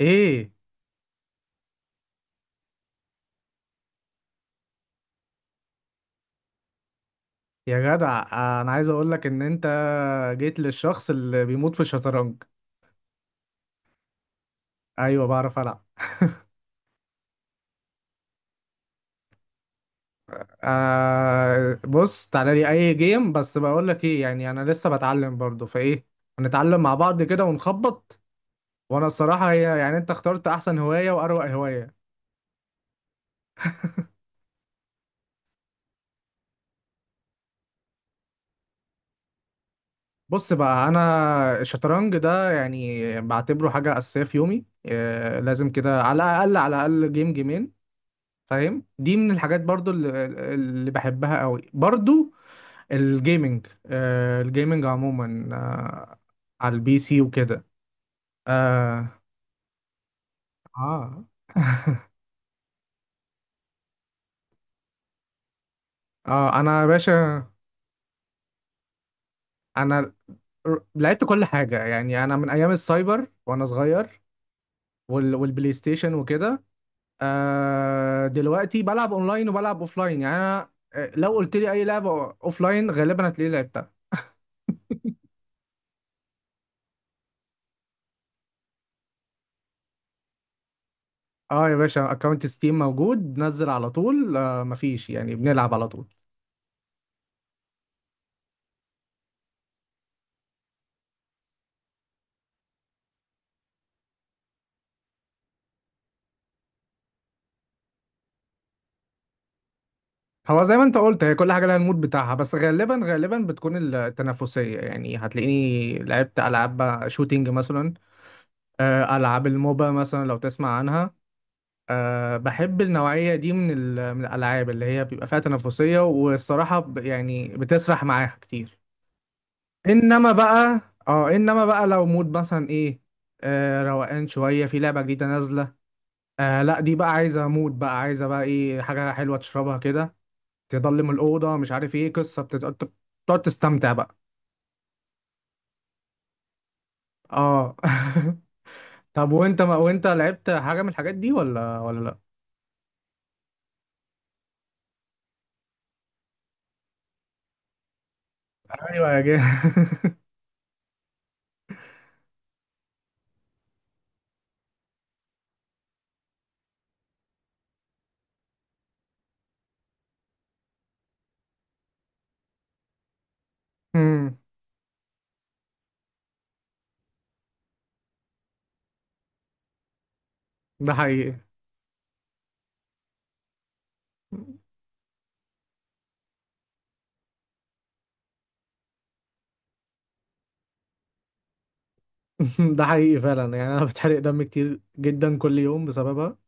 ايه يا جدع، انا عايز اقول لك ان انت جيت للشخص اللي بيموت في الشطرنج. ايوه بعرف العب. بص تعالى لي اي جيم، بس بقول لك ايه، يعني انا لسه بتعلم برضه، فايه هنتعلم مع بعض كده ونخبط. وانا الصراحه هي، يعني انت اخترت احسن هوايه واروق هوايه. بص بقى، انا الشطرنج ده يعني بعتبره حاجه اساسيه في يومي، لازم كده على الاقل على الاقل جيم جيمين. فاهم؟ دي من الحاجات برضو اللي بحبها قوي برضو. الجيمنج، الجيمنج عموما، على البي سي وكده. اه اه اه انا يا باشا، انا لعبت كل حاجه، يعني انا من ايام السايبر وانا صغير والبلاي ستيشن وكده. دلوقتي بلعب اونلاين وبلعب اوفلاين، يعني انا، لو قلت لي اي لعبه اوفلاين غالبا هتلاقيه لعبتها. اه يا باشا، اكونت ستيم موجود، نزل على طول، مفيش، يعني بنلعب على طول. هو زي ما انت قلت، هي كل حاجه لها المود بتاعها، بس غالبا غالبا بتكون التنافسيه، يعني هتلاقيني لعبت العاب شوتينج مثلا، العاب الموبا مثلا لو تسمع عنها. بحب النوعيه دي من الالعاب اللي هي بيبقى فيها تنافسيه، والصراحه يعني بتسرح معاها كتير. انما بقى، اه انما بقى لو مود مثلا ايه، روقان شويه، في لعبه جديده نازله، لا، دي بقى عايزه مود، بقى عايزه بقى ايه، حاجه حلوه تشربها كده، تضلم الأوضة، مش عارف ايه قصة بتقعد تستمتع بقى. اه طب وانت، ما وانت لعبت حاجة من الحاجات دي ولا لا؟ ايوه يا جه. أمم، ده حقيقي. ده حقيقي فعلا، يعني انا بتحرق دم كتير جدا كل يوم بسببها.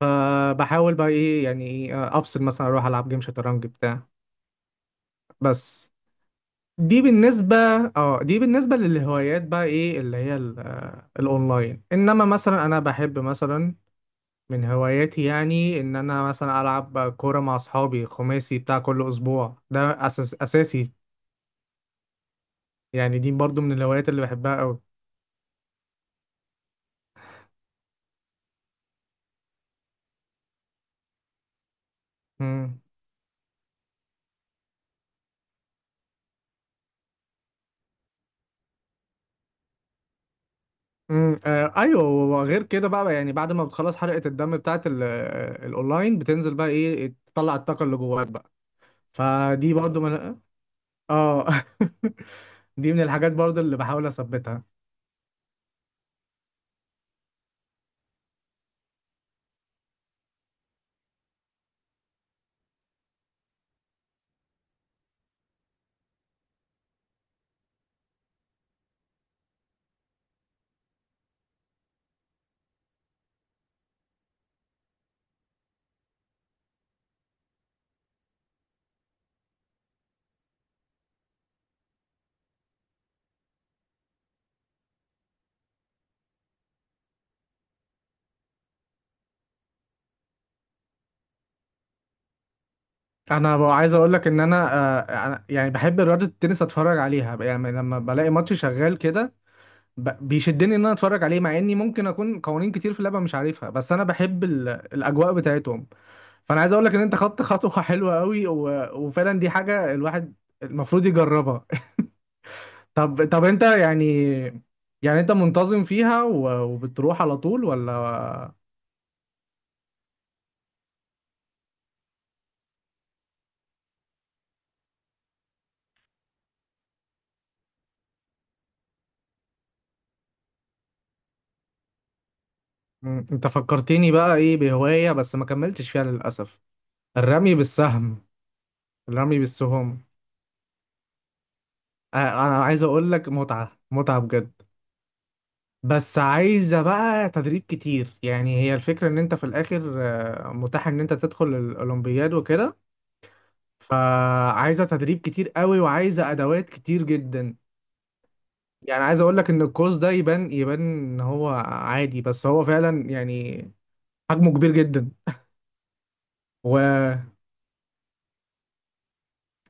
فبحاول بقى ايه، يعني إيه، افصل مثلا اروح العب جيم شطرنج بتاع. بس دي بالنسبة، اه دي بالنسبة للهوايات بقى، ايه اللي هي الاونلاين. انما مثلا انا بحب مثلا، من هواياتي يعني ان انا مثلا العب كوره مع اصحابي، خماسي بتاع كل اسبوع، ده أساس اساسي يعني. دي برضو من الهوايات اللي بحبها قوي. امم ايوه. وغير كده بقى، يعني بعد ما بتخلص حلقه الدم بتاعت الاونلاين، بتنزل بقى ايه، تطلع الطاقه اللي جواك بقى. فدي برضو من، اه دي من الحاجات برضو اللي بحاول اثبتها. انا بقى عايز اقول لك ان انا، يعني بحب رياضه التنس، اتفرج عليها يعني لما بلاقي ماتش شغال كده، بيشدني ان انا اتفرج عليه، مع اني ممكن اكون قوانين كتير في اللعبه مش عارفها، بس انا بحب الاجواء بتاعتهم. فانا عايز اقول لك ان انت خدت خطوه حلوه قوي، و... وفعلا دي حاجه الواحد المفروض يجربها. طب انت يعني، يعني انت منتظم فيها و... وبتروح على طول ولا؟ انت فكرتني بقى ايه بهوايه بس ما كملتش فيها للاسف، الرمي بالسهم. الرمي بالسهم، انا عايز اقول لك متعه متعه بجد. بس عايزة بقى تدريب كتير، يعني هي الفكرة ان انت في الاخر، متاح ان انت تدخل الاولمبياد وكده. فعايزة تدريب كتير قوي، وعايزة ادوات كتير جدا. يعني عايز اقول لك ان الكورس ده يبان يبان ان هو عادي، بس هو فعلا يعني حجمه كبير جدا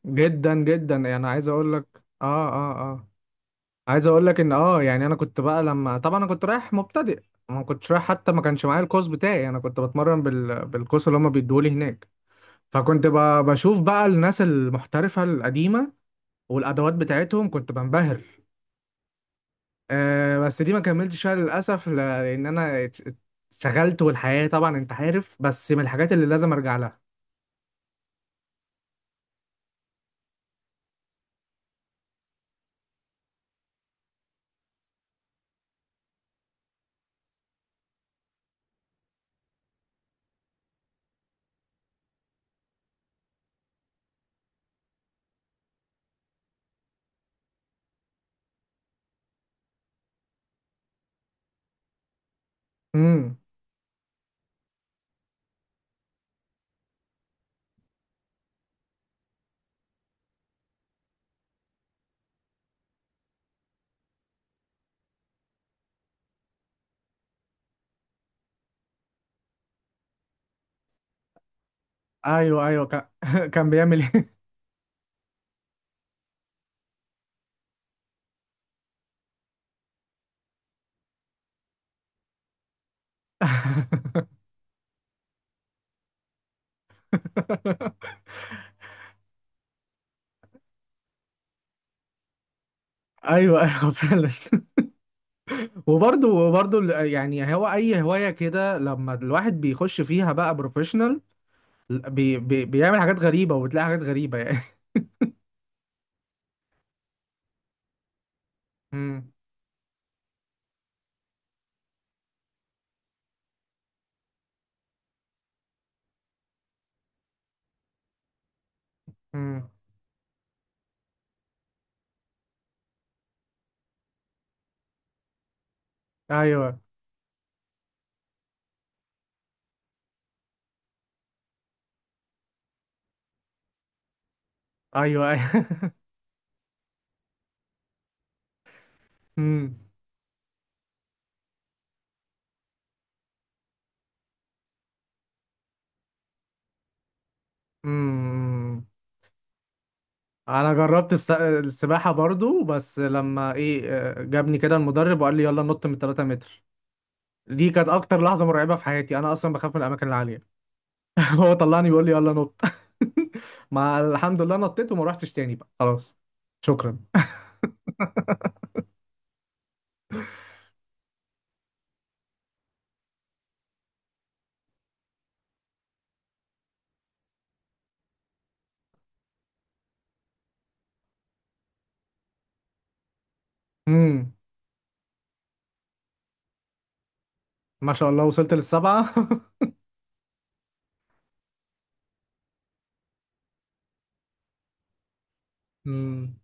وجدا جدا. يعني عايز اقول لك عايز اقول لك ان اه، يعني انا كنت بقى لما، طبعا انا كنت رايح مبتدئ، ما كنتش رايح حتى، ما كانش معايا الكوز بتاعي، انا كنت بتمرن بالكوز اللي هما بيدوه لي هناك. فكنت بشوف بقى الناس المحترفة القديمة والأدوات بتاعتهم، كنت بنبهر. أه بس دي ما كملتش فيها للأسف، لأن أنا اتشغلت، والحياة طبعا أنت عارف. بس من الحاجات اللي لازم أرجع لها. امم، أيوه أيوه كان كان بيعمل إيه؟ أيوه أيوه فعلا. وبرضه يعني هو أي هواية كده لما الواحد بيخش فيها بقى بروفيشنال، بي بي بيعمل حاجات غريبة، وبتلاقي حاجات غريبة يعني. امم امم ايوه ايوه ايوه. امم امم انا جربت السباحه برضو، بس لما ايه، جابني كده المدرب وقال لي يلا نط من 3 متر. دي كانت اكتر لحظه مرعبه في حياتي، انا اصلا بخاف من الاماكن العاليه. هو طلعني بيقول لي يلا نط. ما الحمد لله نطيت وما روحتش تاني بقى خلاص. شكرا. امم ما شاء الله وصلت للسبعه. امم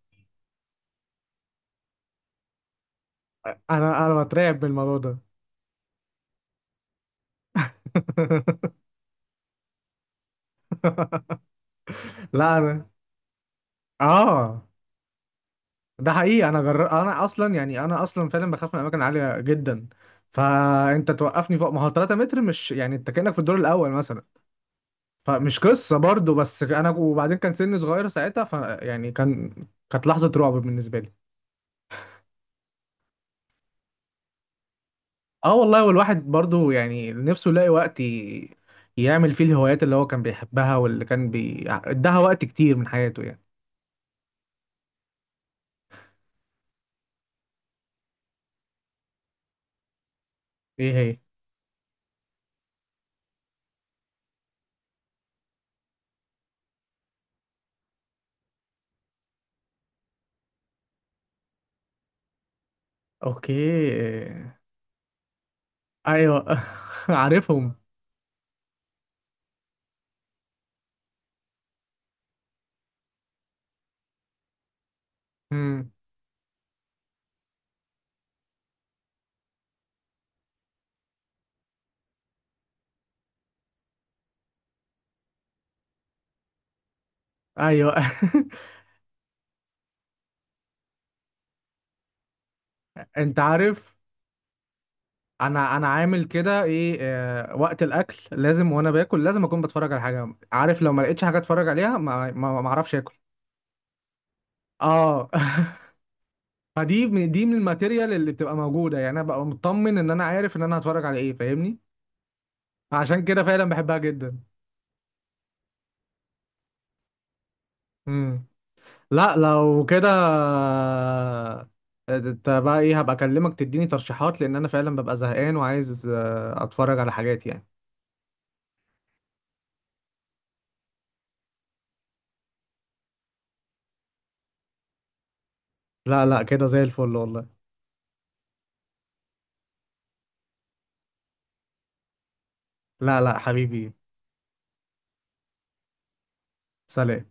انا انا بترعب من الموضوع ده. لا انا، اه ده حقيقي. انا انا اصلا، يعني انا اصلا فعلا بخاف من اماكن عاليه جدا، فانت توقفني فوق، ما هو 3 متر مش يعني، انت كانك في الدور الاول مثلا. فمش قصه برضو، بس انا وبعدين كان سني صغير ساعتها، ف يعني كان، كانت لحظه رعب بالنسبه لي. اه والله، والواحد برضو يعني نفسه يلاقي وقت يعمل فيه الهوايات اللي هو كان بيحبها، واللي كان بي اداها وقت كتير من حياته يعني. ايه هي؟ اوكي. ايوه عارفهم. امم، ايوه. انت عارف، انا انا عامل كده ايه، آه وقت الاكل لازم، وانا باكل لازم اكون بتفرج على حاجه، عارف، لو ما لقيتش حاجه اتفرج عليها ما اعرفش اكل. اه. دي من الماتيريال اللي بتبقى موجوده، يعني انا ببقى مطمن ان انا عارف ان انا هتفرج على ايه. فاهمني؟ عشان كده فعلا بحبها جدا. امم، لا لو كده، انت بقى ايه، هبقى اكلمك تديني ترشيحات، لان انا فعلا ببقى زهقان وعايز، اتفرج على حاجات يعني. لا لا كده زي الفل والله. لا لا حبيبي. سلام.